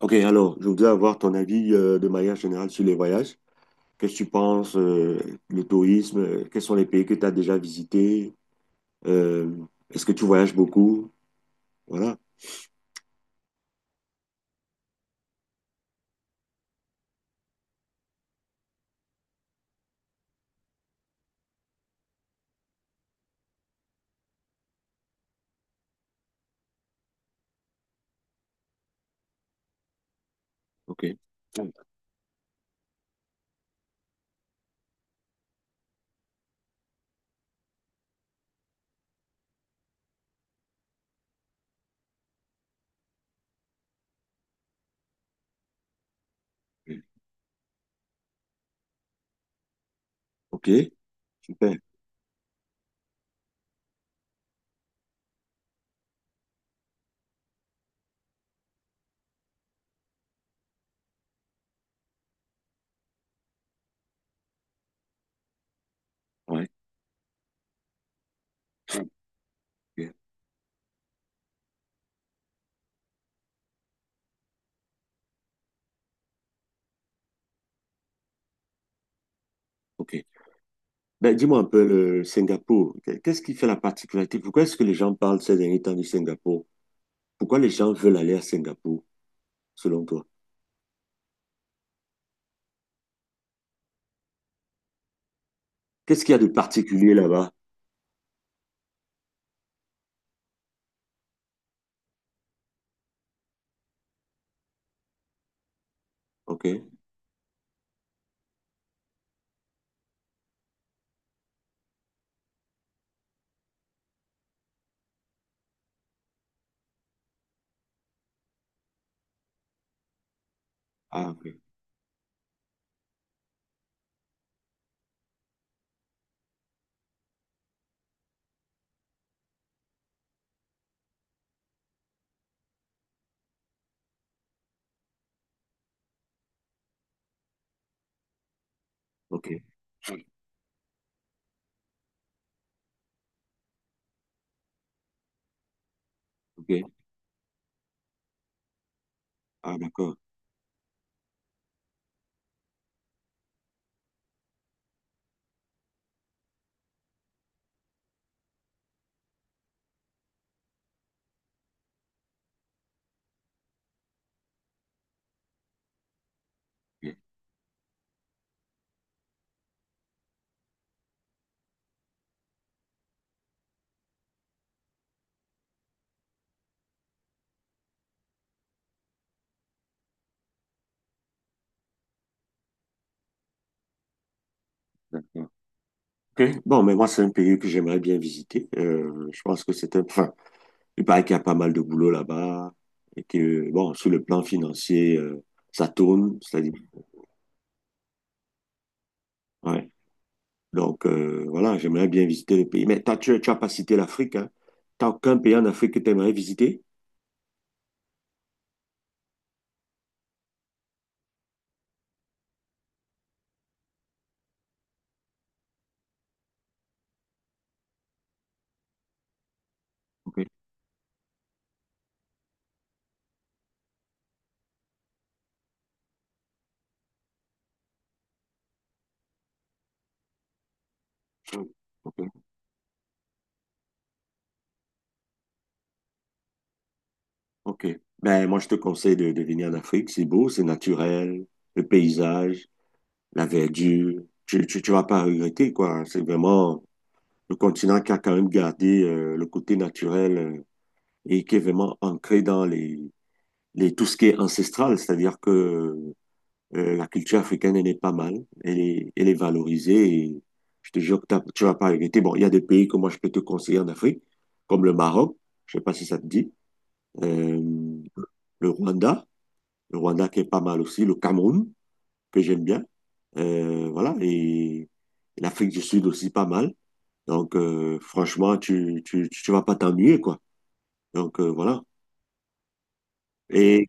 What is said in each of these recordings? Ok, alors, je voudrais avoir ton avis de manière générale sur les voyages. Qu'est-ce que tu penses, le tourisme, quels sont les pays que tu as déjà visités? Euh, est-ce que tu voyages beaucoup? Voilà. Ok. Ok, super. Ouais. Ok. Ok. Ben, dis-moi un peu le Singapour. Qu'est-ce qui fait la particularité? Pourquoi est-ce que les gens parlent ces derniers temps du Singapour? Pourquoi les gens veulent aller à Singapour, selon toi? Qu'est-ce qu'il y a de particulier là-bas? Ok. Ah, ok. Ok. Ok. Ah, d'accord. Ok. D'accord. Ok. Bon, mais moi, c'est un pays que j'aimerais bien visiter. Je pense que c'est un... Enfin, il paraît qu'il y a pas mal de boulot là-bas et que, bon, sur le plan financier, ça tourne, c'est-à-dire... Ouais. Donc, voilà, j'aimerais bien visiter le pays. Mais tu as pas cité l'Afrique, hein? T'as aucun pays en Afrique que tu aimerais visiter? Ok. Ok. Ok. Ben, moi, je te conseille de venir en Afrique. C'est beau, c'est naturel, le paysage, la verdure. Tu vas pas regretter, quoi. C'est vraiment... le continent qui a quand même gardé le côté naturel et qui est vraiment ancré dans les tout ce qui est ancestral, c'est-à-dire que la culture africaine, elle est pas mal, elle est valorisée et je te jure que tu vas pas regretter. Bon, il y a des pays que moi je peux te conseiller en Afrique, comme le Maroc, je sais pas si ça te dit, euh, le Rwanda, le Rwanda qui est pas mal aussi, le Cameroun, que j'aime bien, voilà, et l'Afrique du Sud aussi pas mal. Donc, franchement, tu vas pas t'ennuyer, quoi. Donc, voilà. Et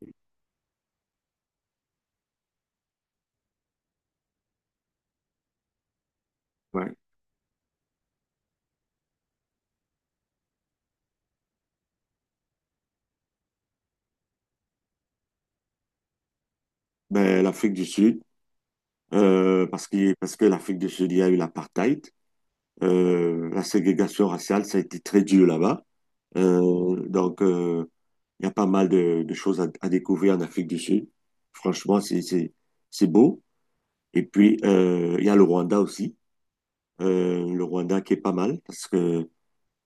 ouais, ben, l'Afrique du Sud, parce que l'Afrique du Sud, il y a eu l'apartheid. La ségrégation raciale, ça a été très dur là-bas. Donc, il y a pas mal de choses à découvrir en Afrique du Sud. Franchement, c'est beau. Et puis, il y a le Rwanda aussi. Le Rwanda qui est pas mal parce que,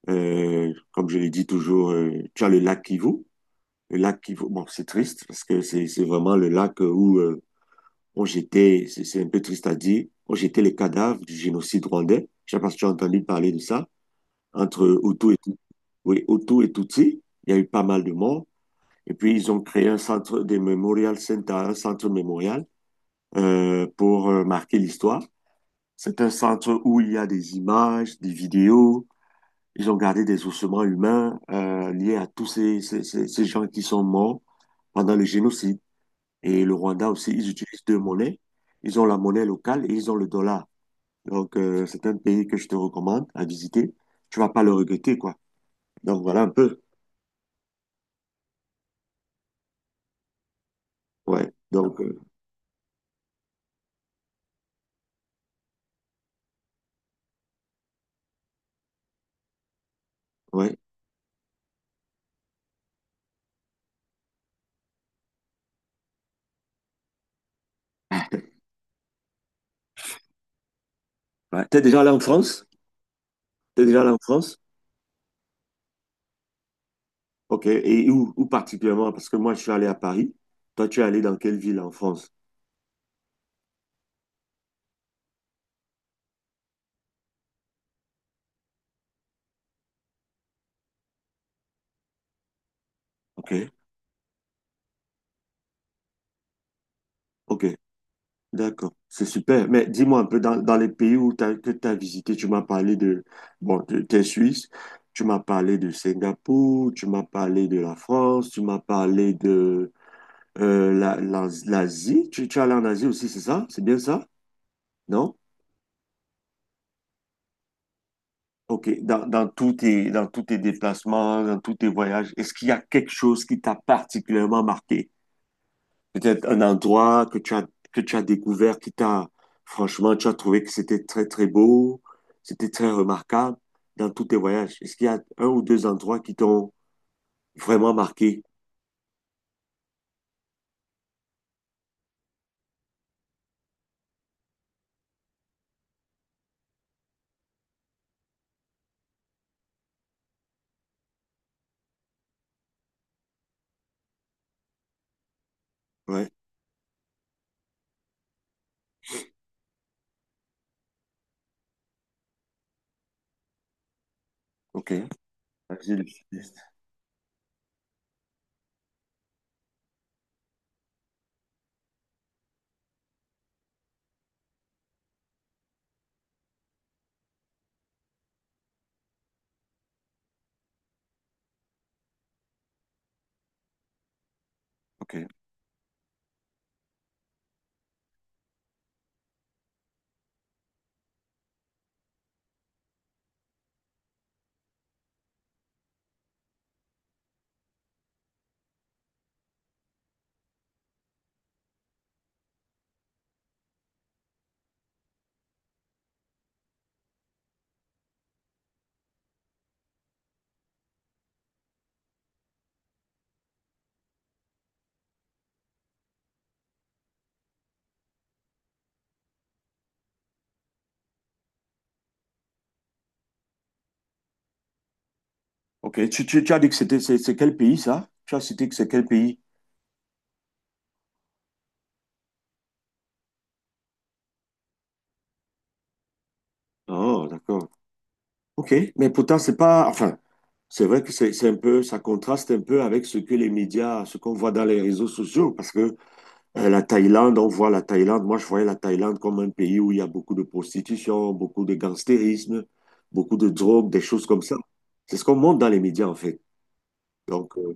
comme je l'ai dit toujours, tu as le lac Kivu. Le lac qui, bon, c'est triste parce que c'est vraiment le lac où on jetait, c'est un peu triste à dire, on jetait les cadavres du génocide rwandais. Je ne sais pas si tu as entendu parler de ça, entre Hutu et, Tutsi. Oui, Hutu et Tutsi. Il y a eu pas mal de morts. Et puis, ils ont créé un centre de Memorial Center, un centre mémorial pour marquer l'histoire. C'est un centre où il y a des images, des vidéos. Ils ont gardé des ossements humains liés à tous ces gens qui sont morts pendant le génocide. Et le Rwanda aussi, ils utilisent deux monnaies. Ils ont la monnaie locale et ils ont le dollar. Donc, c'est un pays que je te recommande à visiter. Tu vas pas le regretter, quoi. Donc, voilà un peu. Ouais. Donc, ouais. Ouais. T'es déjà allé en France? T'es déjà allé en France? OK. Et où particulièrement? Parce que moi, je suis allé à Paris. Toi, tu es allé dans quelle ville en France? OK. OK. D'accord, c'est super. Mais dis-moi un peu, dans les pays où t'as, que tu as visité, tu m'as parlé de, bon, tu es Suisse, tu m'as parlé de Singapour, tu m'as parlé de la France, tu m'as parlé de l'Asie. Tu es allé en Asie aussi, c'est ça? C'est bien ça? Non? Ok, dans tous tes déplacements, dans tous tes voyages, est-ce qu'il y a quelque chose qui t'a particulièrement marqué? Peut-être un endroit que tu as découvert, qui t'a, franchement, tu as trouvé que c'était très, très beau, c'était très remarquable dans tous tes voyages. Est-ce qu'il y a un ou deux endroits qui t'ont vraiment marqué? Ouais, ok. Vas-y, le petit test. Ok. Ok, tu as dit que c'était, c'est quel pays ça? Tu as cité que c'est quel pays? Oh, d'accord. Ok, mais pourtant, c'est pas, enfin, c'est vrai que c'est un peu, ça contraste un peu avec ce que les médias, ce qu'on voit dans les réseaux sociaux, parce que la Thaïlande, on voit la Thaïlande. Moi, je voyais la Thaïlande comme un pays où il y a beaucoup de prostitution, beaucoup de gangstérisme, beaucoup de drogue, des choses comme ça. C'est ce qu'on montre dans les médias, en fait. Donc,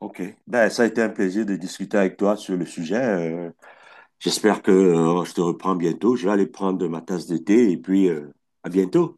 OK. Ben, ça a été un plaisir de discuter avec toi sur le sujet. J'espère que je te reprends bientôt. Je vais aller prendre ma tasse de thé et puis à bientôt.